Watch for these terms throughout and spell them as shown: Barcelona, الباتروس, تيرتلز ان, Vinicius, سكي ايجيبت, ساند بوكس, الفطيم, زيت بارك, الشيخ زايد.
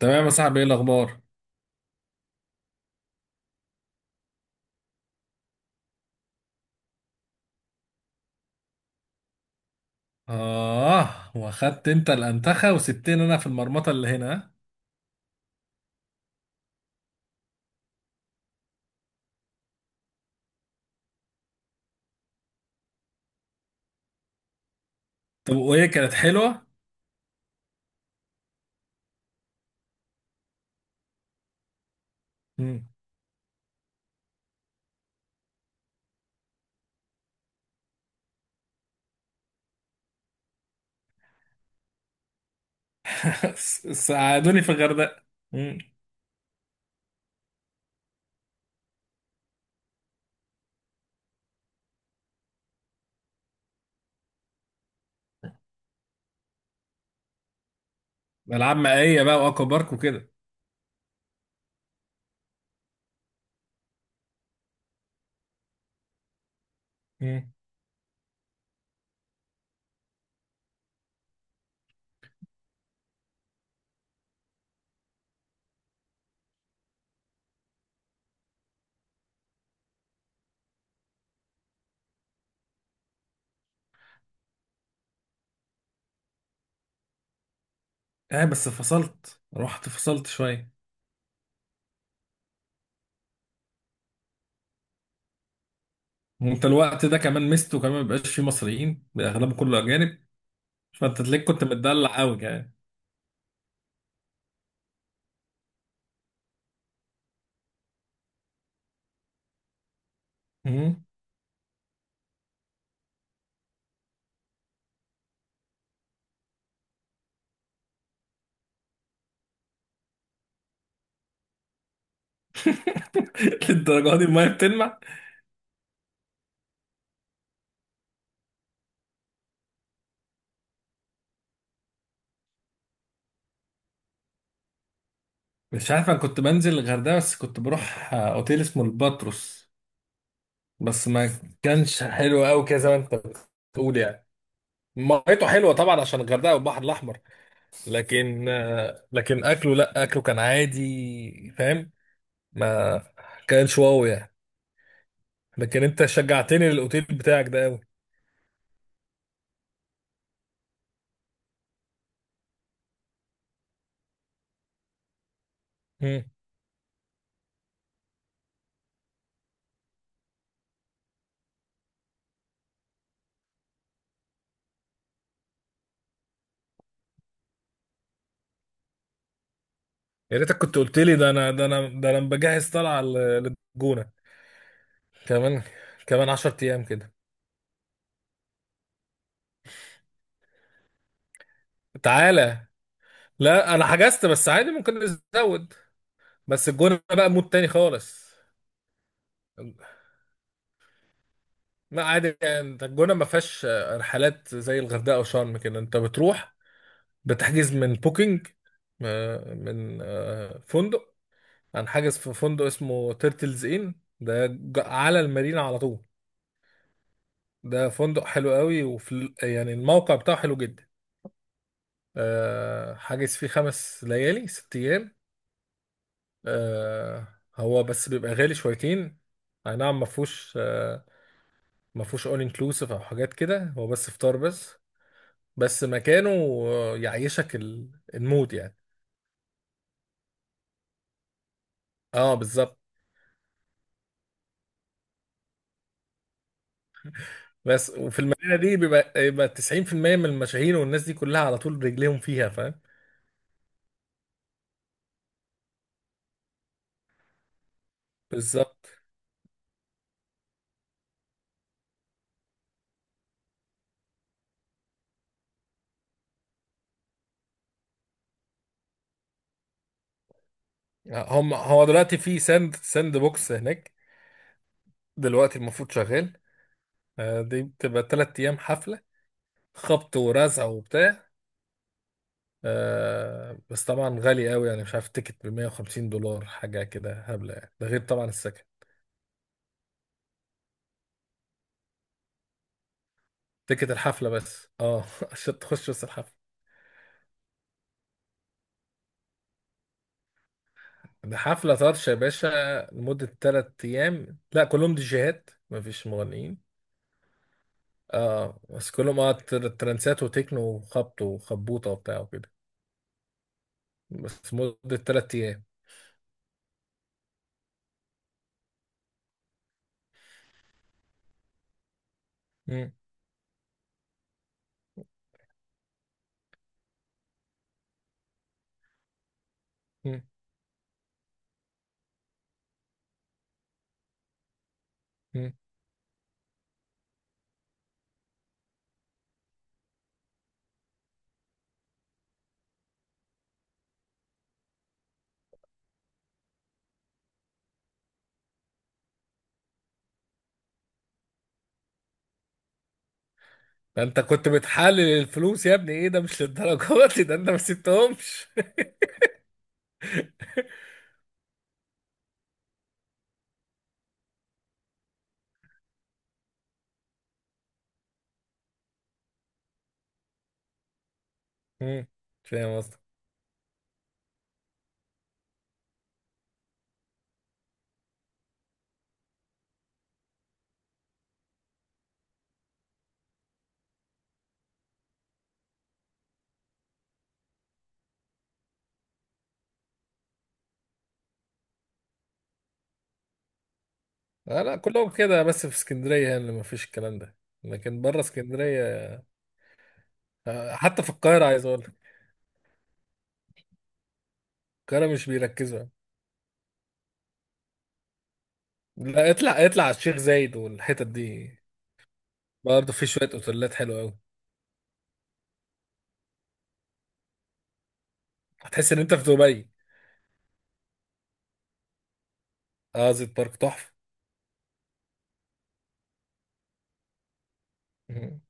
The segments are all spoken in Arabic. تمام يا صاحبي، ايه الاخبار؟ اه، واخدت انت الانتخه وسبتني انا في المرمطه اللي هنا، ها؟ طب، وايه كانت حلوه؟ مم. ساعدوني في الغردقه. مم. العاب مائيه بقى، واكوا بارك وكده. مم. اه بس فصلت، رحت فصلت شويه. وانت الوقت ده كمان مستو، كمان مبقاش فيه مصريين، اغلبه كله اجانب، فانت تلاقيك كنت متدلع قوي يعني. مم. للدرجه دي الميه بتلمع؟ مش عارف، انا كنت بنزل الغردقه بس كنت بروح اوتيل اسمه الباتروس. بس ما كانش حلو قوي كده زي ما انت بتقول يعني. ميته حلوه طبعا عشان الغردقه والبحر الاحمر. لكن اكله، لا اكله كان عادي، فاهم؟ ما كانش واو يعني. لكن انت شجعتني للاوتيل بتاعك ده قوي. مم. يا ريتك كنت قلت لي، ده انا بجهز طلعه للجونه. كمان كمان 10 ايام كده. تعالى، لا انا حجزت بس عادي ممكن نزود. بس الجونه بقى مود تاني خالص. ما عادي يعني، انت الجونه ما فيهاش رحلات زي الغردقه وشرم كده. انت بتروح بتحجز من بوكينج، من فندق. هنحجز في فندق اسمه تيرتلز ان. ده على المارينا على طول. ده فندق حلو قوي، وفي يعني الموقع بتاعه حلو جدا. حاجز فيه 5 ليالي 6 ايام. آه، هو بس بيبقى غالي شويتين. اي نعم، ما فيهوش اول انكلوسيف او حاجات كده، هو بس فطار بس. بس مكانه يعيشك المود يعني. اه بالظبط. بس وفي المدينه دي يبقى 90% من المشاهير، والناس دي كلها على طول رجليهم فيها، فاهم؟ بالظبط. هم هو دلوقتي في ساند ساند بوكس هناك، دلوقتي المفروض شغال. دي بتبقى 3 ايام حفله، خبط ورزع وبتاع. بس طبعا غالي قوي يعني، مش عارف تيكت ب $150 حاجه كده هبله يعني، ده غير طبعا السكن. تيكت الحفله بس، اه، عشان تخش بس الحفله. ده حفلة طرش يا باشا، لمدة 3 أيام. لا كلهم ديجيهات، مفيش مغنيين. اه بس كلهم، ترانسات وتكنو وخبط وخبوطة وبتاع وكده. بس مدة 3 أيام. مم، مم، مم. ده أنت كنت بتحلل الفلوس يا ابني، إيه ده؟ مش للدرجات دي، ده أنت ما سبتهمش. مم، فاهم قصدك. آه لا، كلهم كده، بس في اسكندرية هنا اللي مفيش الكلام ده. لكن بره اسكندرية، حتى في القاهرة عايز أقول لك، القاهرة مش بيركزوا. لا، اطلع على الشيخ زايد والحتت دي. برضه في شويه اوتيلات حلوه قوي. هتحس ان انت في دبي. اه زيت بارك تحفه. مم.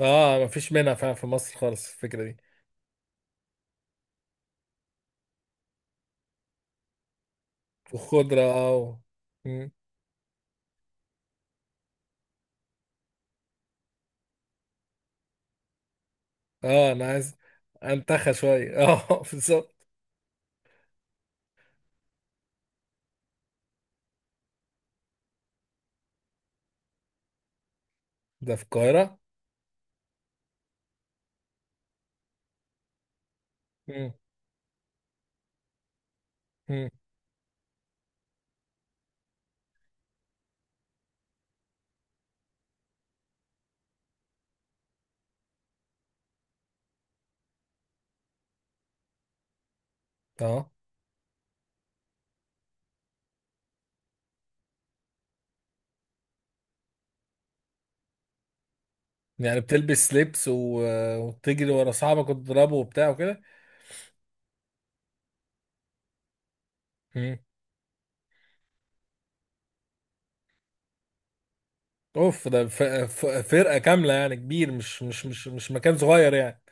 اه مفيش منها فعلا في مصر خالص الفكره دي. وخضره مم. اه انا عايز انتخى شويه بالظبط. ده في القاهره؟ مم. مم. اه يعني بتلبس لبس، وتجري ورا صاحبك وتضربه وبتاع وكده. مم. اوف، فرقه كامله يعني، كبير، مش مكان صغير يعني.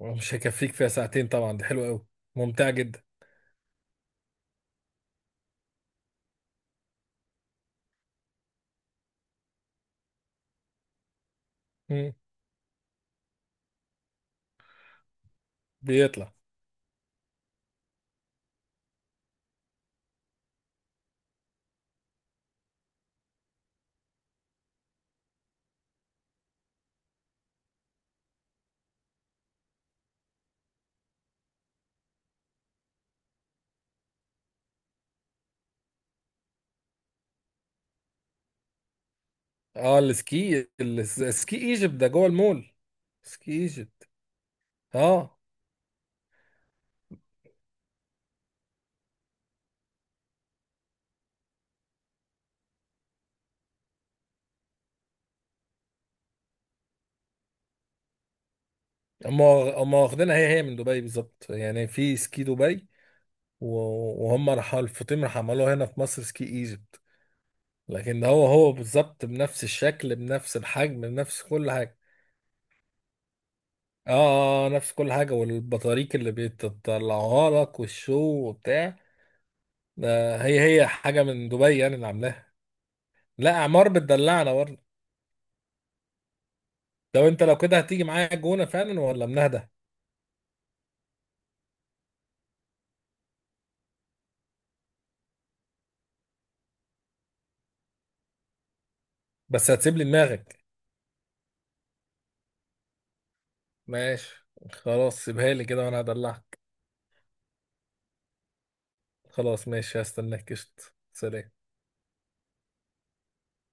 مش هيكفيك فيها ساعتين طبعا، دي حلوة قوي، ممتعة جدا. مم. بيطلع. اه، السكي السكي ايجيبت ده جوه المول. سكي ايجيبت. اه. هم هم واخدينها، هي هي من دبي بالظبط، يعني في سكي دبي. وهم راحوا الفطيم، راح عملوها هنا في مصر سكي ايجيبت. لكن ده هو هو بالظبط بنفس الشكل بنفس الحجم بنفس كل حاجة. اه، نفس كل حاجة، والبطاريق اللي بيطلعوها لك والشو وبتاع. ده هي هي حاجة من دبي يعني اللي عاملاها. لا اعمار بتدلعنا برضه. لو انت، لو كده هتيجي معايا الجونه فعلا ولا منهدة؟ بس هتسيب لي دماغك؟ ماشي، خلاص سيبها لي كده وانا هدلعك. خلاص ماشي، هستناك، قشط، سلام.